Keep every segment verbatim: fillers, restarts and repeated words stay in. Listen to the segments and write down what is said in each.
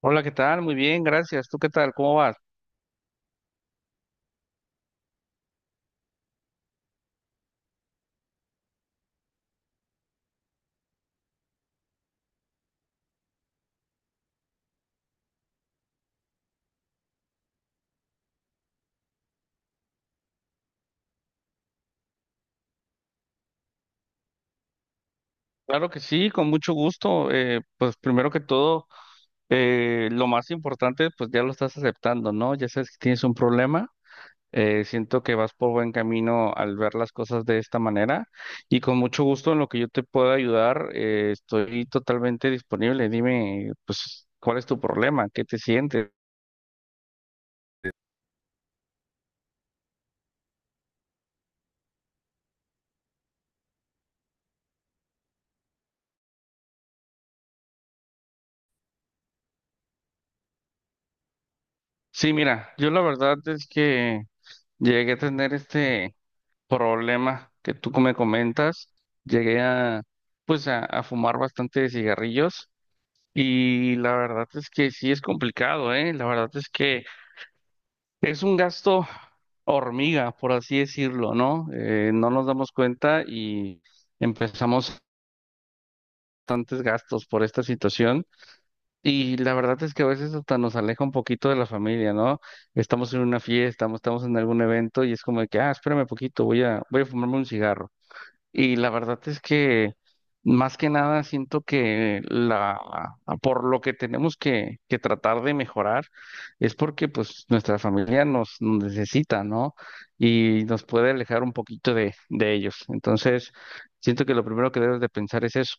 Hola, ¿qué tal? Muy bien, gracias. ¿Tú qué tal? ¿Cómo vas? Claro que sí, con mucho gusto. Eh, pues primero que todo, eh, lo más importante, pues ya lo estás aceptando, ¿no? Ya sabes que tienes un problema. Eh, siento que vas por buen camino al ver las cosas de esta manera y con mucho gusto en lo que yo te pueda ayudar, eh, estoy totalmente disponible. Dime, pues, ¿cuál es tu problema? ¿Qué te sientes? Sí, mira, yo la verdad es que llegué a tener este... problema que tú me comentas, llegué a, pues a, a fumar bastante cigarrillos y la verdad es que sí es complicado, ¿eh? La verdad es que es un gasto hormiga, por así decirlo, ¿no? Eh, no nos damos cuenta y empezamos bastantes gastos por esta situación y la verdad es que a veces hasta nos aleja un poquito de la familia, ¿no? Estamos en una fiesta, estamos en algún evento y es como de que, ah, espérame poquito, voy a, voy a fumarme un cigarro. Y la verdad es que más que nada siento que la por lo que tenemos que, que tratar de mejorar es porque pues nuestra familia nos, nos necesita, ¿no? Y nos puede alejar un poquito de, de ellos. Entonces, siento que lo primero que debes de pensar es eso.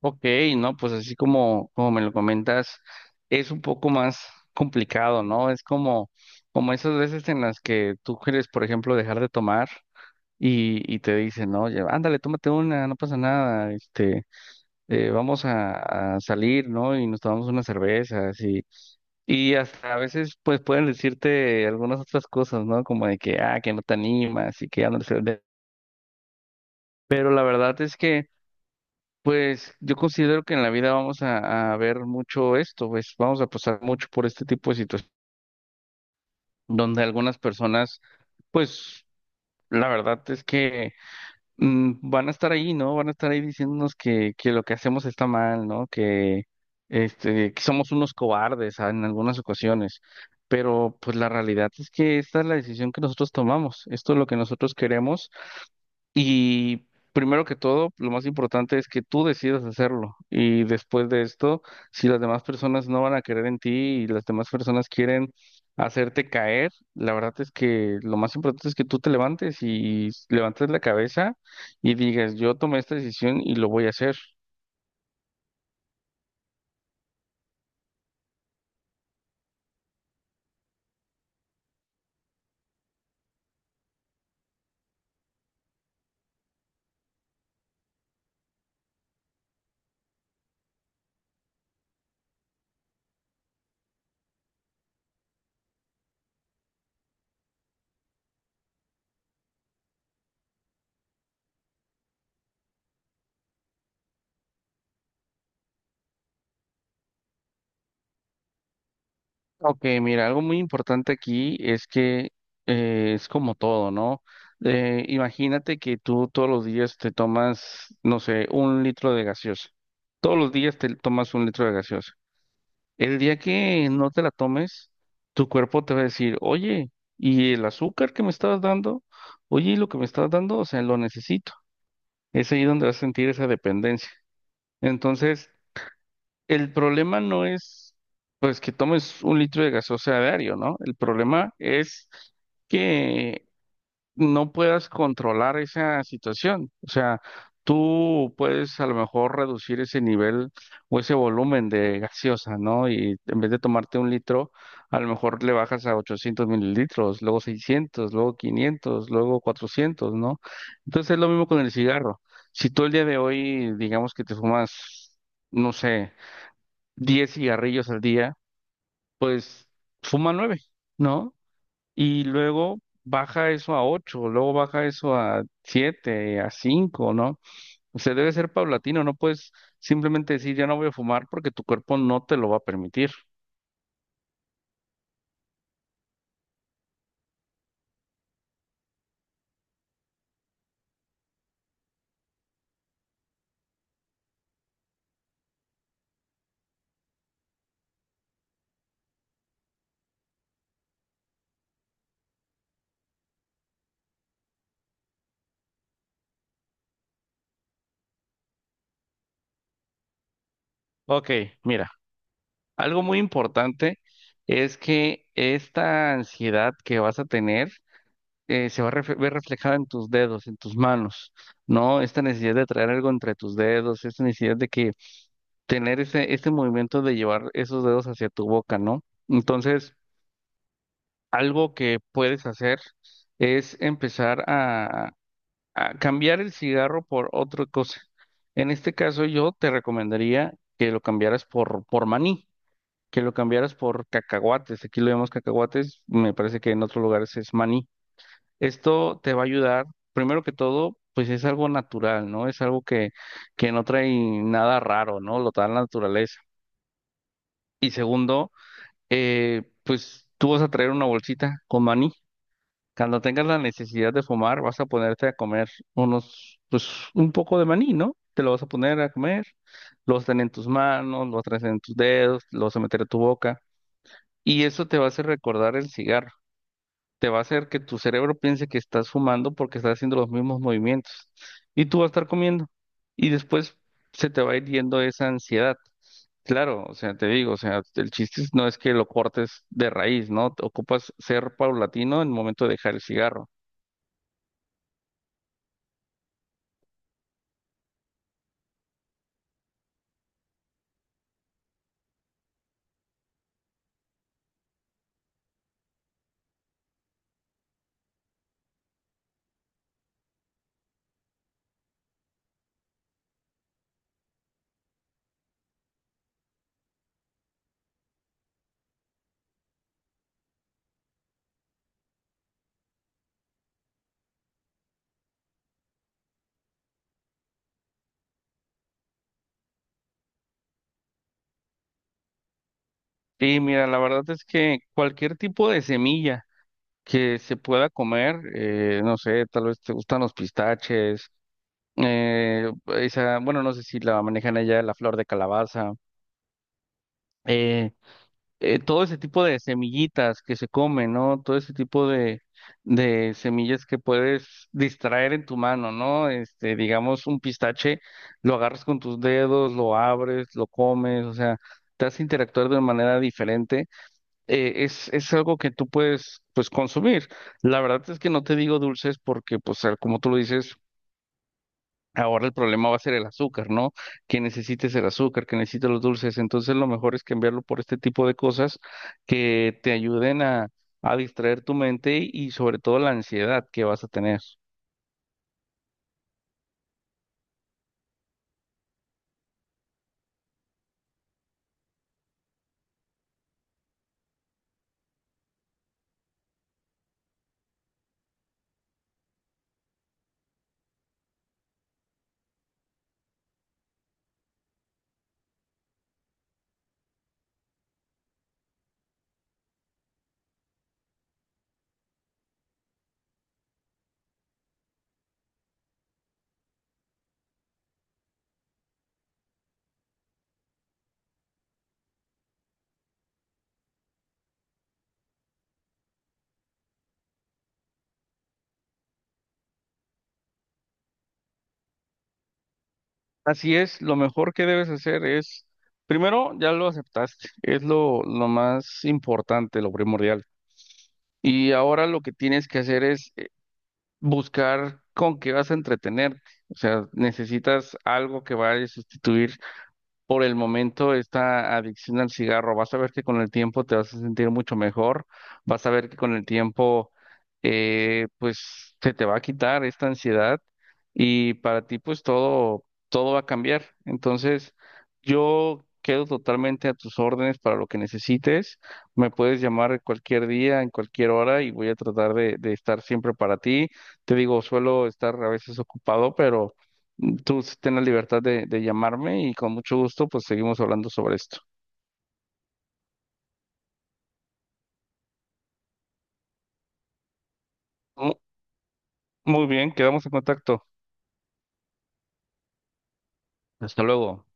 Ok, ¿no? Pues así como, como me lo comentas, es un poco más complicado, ¿no? Es como, como esas veces en las que tú quieres, por ejemplo, dejar de tomar. y, y te dicen, ¿no? Oye, ándale, tómate una, no pasa nada, este, eh, vamos a, a salir, ¿no? Y nos tomamos unas cervezas y, y hasta a veces pues pueden decirte algunas otras cosas, ¿no? Como de que, ah, que no te animas y que ya no se de- pero la verdad es que, pues yo considero que en la vida vamos a, a ver mucho esto, pues vamos a pasar mucho por este tipo de situaciones donde algunas personas, pues la verdad es que... mm, van a estar ahí, ¿no? Van a estar ahí diciéndonos que, que lo que hacemos está mal, ¿no? Que, este, que somos unos cobardes, ah, en algunas ocasiones. Pero pues la realidad es que esta es la decisión que nosotros tomamos. Esto es lo que nosotros queremos y primero que todo, lo más importante es que tú decidas hacerlo. Y después de esto, si las demás personas no van a querer en ti y las demás personas quieren hacerte caer, la verdad es que lo más importante es que tú te levantes y levantes la cabeza y digas, yo tomé esta decisión y lo voy a hacer. Ok, mira, algo muy importante aquí es que eh, es como todo, ¿no? Eh, imagínate que tú todos los días te tomas, no sé, un litro de gaseosa. Todos los días te tomas un litro de gaseosa. El día que no te la tomes, tu cuerpo te va a decir, oye, ¿y el azúcar que me estabas dando? Oye, ¿y lo que me estabas dando? O sea, lo necesito. Es ahí donde vas a sentir esa dependencia. Entonces, el problema no es, pues, que tomes un litro de gaseosa a diario, ¿no? El problema es que no puedas controlar esa situación. O sea, tú puedes a lo mejor reducir ese nivel o ese volumen de gaseosa, ¿no? Y en vez de tomarte un litro, a lo mejor le bajas a ochocientos mililitros, luego seiscientos, luego quinientos, luego cuatrocientos, ¿no? Entonces es lo mismo con el cigarro. Si tú el día de hoy, digamos que te fumas, no sé, diez cigarrillos al día, fuma nueve, ¿no? Y luego baja eso a ocho, luego baja eso a siete, a cinco, ¿no? O sea, debe ser paulatino, no puedes simplemente decir ya no voy a fumar porque tu cuerpo no te lo va a permitir. Ok, mira, algo muy importante es que esta ansiedad que vas a tener eh, se va a ref- ver reflejada en tus dedos, en tus manos, ¿no? Esta necesidad de traer algo entre tus dedos, esta necesidad de que tener ese, ese movimiento de llevar esos dedos hacia tu boca, ¿no? Entonces, algo que puedes hacer es empezar a, a cambiar el cigarro por otra cosa. En este caso, yo te recomendaría que lo cambiaras por, por maní, que lo cambiaras por cacahuates. Aquí lo llamamos cacahuates, me parece que en otros lugares es maní. Esto te va a ayudar, primero que todo, pues es algo natural, ¿no? Es algo que, que no trae nada raro, ¿no? Lo da la naturaleza. Y segundo, eh, pues tú vas a traer una bolsita con maní. Cuando tengas la necesidad de fumar, vas a ponerte a comer unos, pues un poco de maní, ¿no? Te lo vas a poner a comer, lo vas a tener en tus manos, lo vas a tener en tus dedos, lo vas a meter a tu boca. Y eso te va a hacer recordar el cigarro, te va a hacer que tu cerebro piense que estás fumando porque estás haciendo los mismos movimientos y tú vas a estar comiendo y después se te va a ir yendo esa ansiedad. Claro, o sea, te digo, o sea, el chiste es- no es que lo cortes de raíz, ¿no? Te ocupas ser paulatino en el momento de dejar el cigarro. Y mira, la verdad es que cualquier tipo de semilla que se pueda comer, eh, no sé, tal vez te gustan los pistaches, eh, esa, bueno, no sé si la manejan allá, la flor de calabaza. eh, eh, Todo ese tipo de semillitas que se comen, ¿no? Todo ese tipo de, de semillas que puedes distraer en tu mano, ¿no? Este, digamos, un pistache, lo agarras con tus dedos, lo abres, lo comes, o sea, te hace interactuar de manera diferente. Eh, es, es algo que tú puedes, pues, consumir. La verdad es que no te digo dulces porque, pues, al- como tú lo dices, ahora el problema va a ser el azúcar, ¿no? Que necesites el azúcar, que necesites los dulces. Entonces lo mejor es cambiarlo por este tipo de cosas que te ayuden a, a distraer tu mente y sobre todo la ansiedad que vas a tener. Así es, lo mejor que debes hacer es, primero, ya lo aceptaste, es lo, lo más importante, lo primordial. Y ahora lo que tienes que hacer es eh, buscar con qué vas a entretenerte. O sea, necesitas algo que vaya a sustituir por el momento esta adicción al cigarro. Vas a ver que con el tiempo te vas a sentir mucho mejor, vas a ver que con el tiempo eh, pues se te va a quitar esta ansiedad y para ti pues todo, todo va a cambiar. Entonces yo quedo totalmente a tus órdenes para lo que necesites. Me puedes llamar cualquier día, en cualquier hora y voy a tratar de, de estar siempre para ti. Te digo, suelo estar a veces ocupado, pero... Tú sí ten la libertad de, de llamarme y con mucho gusto pues seguimos hablando sobre esto. Mu- Muy bien, quedamos en contacto. Hasta luego.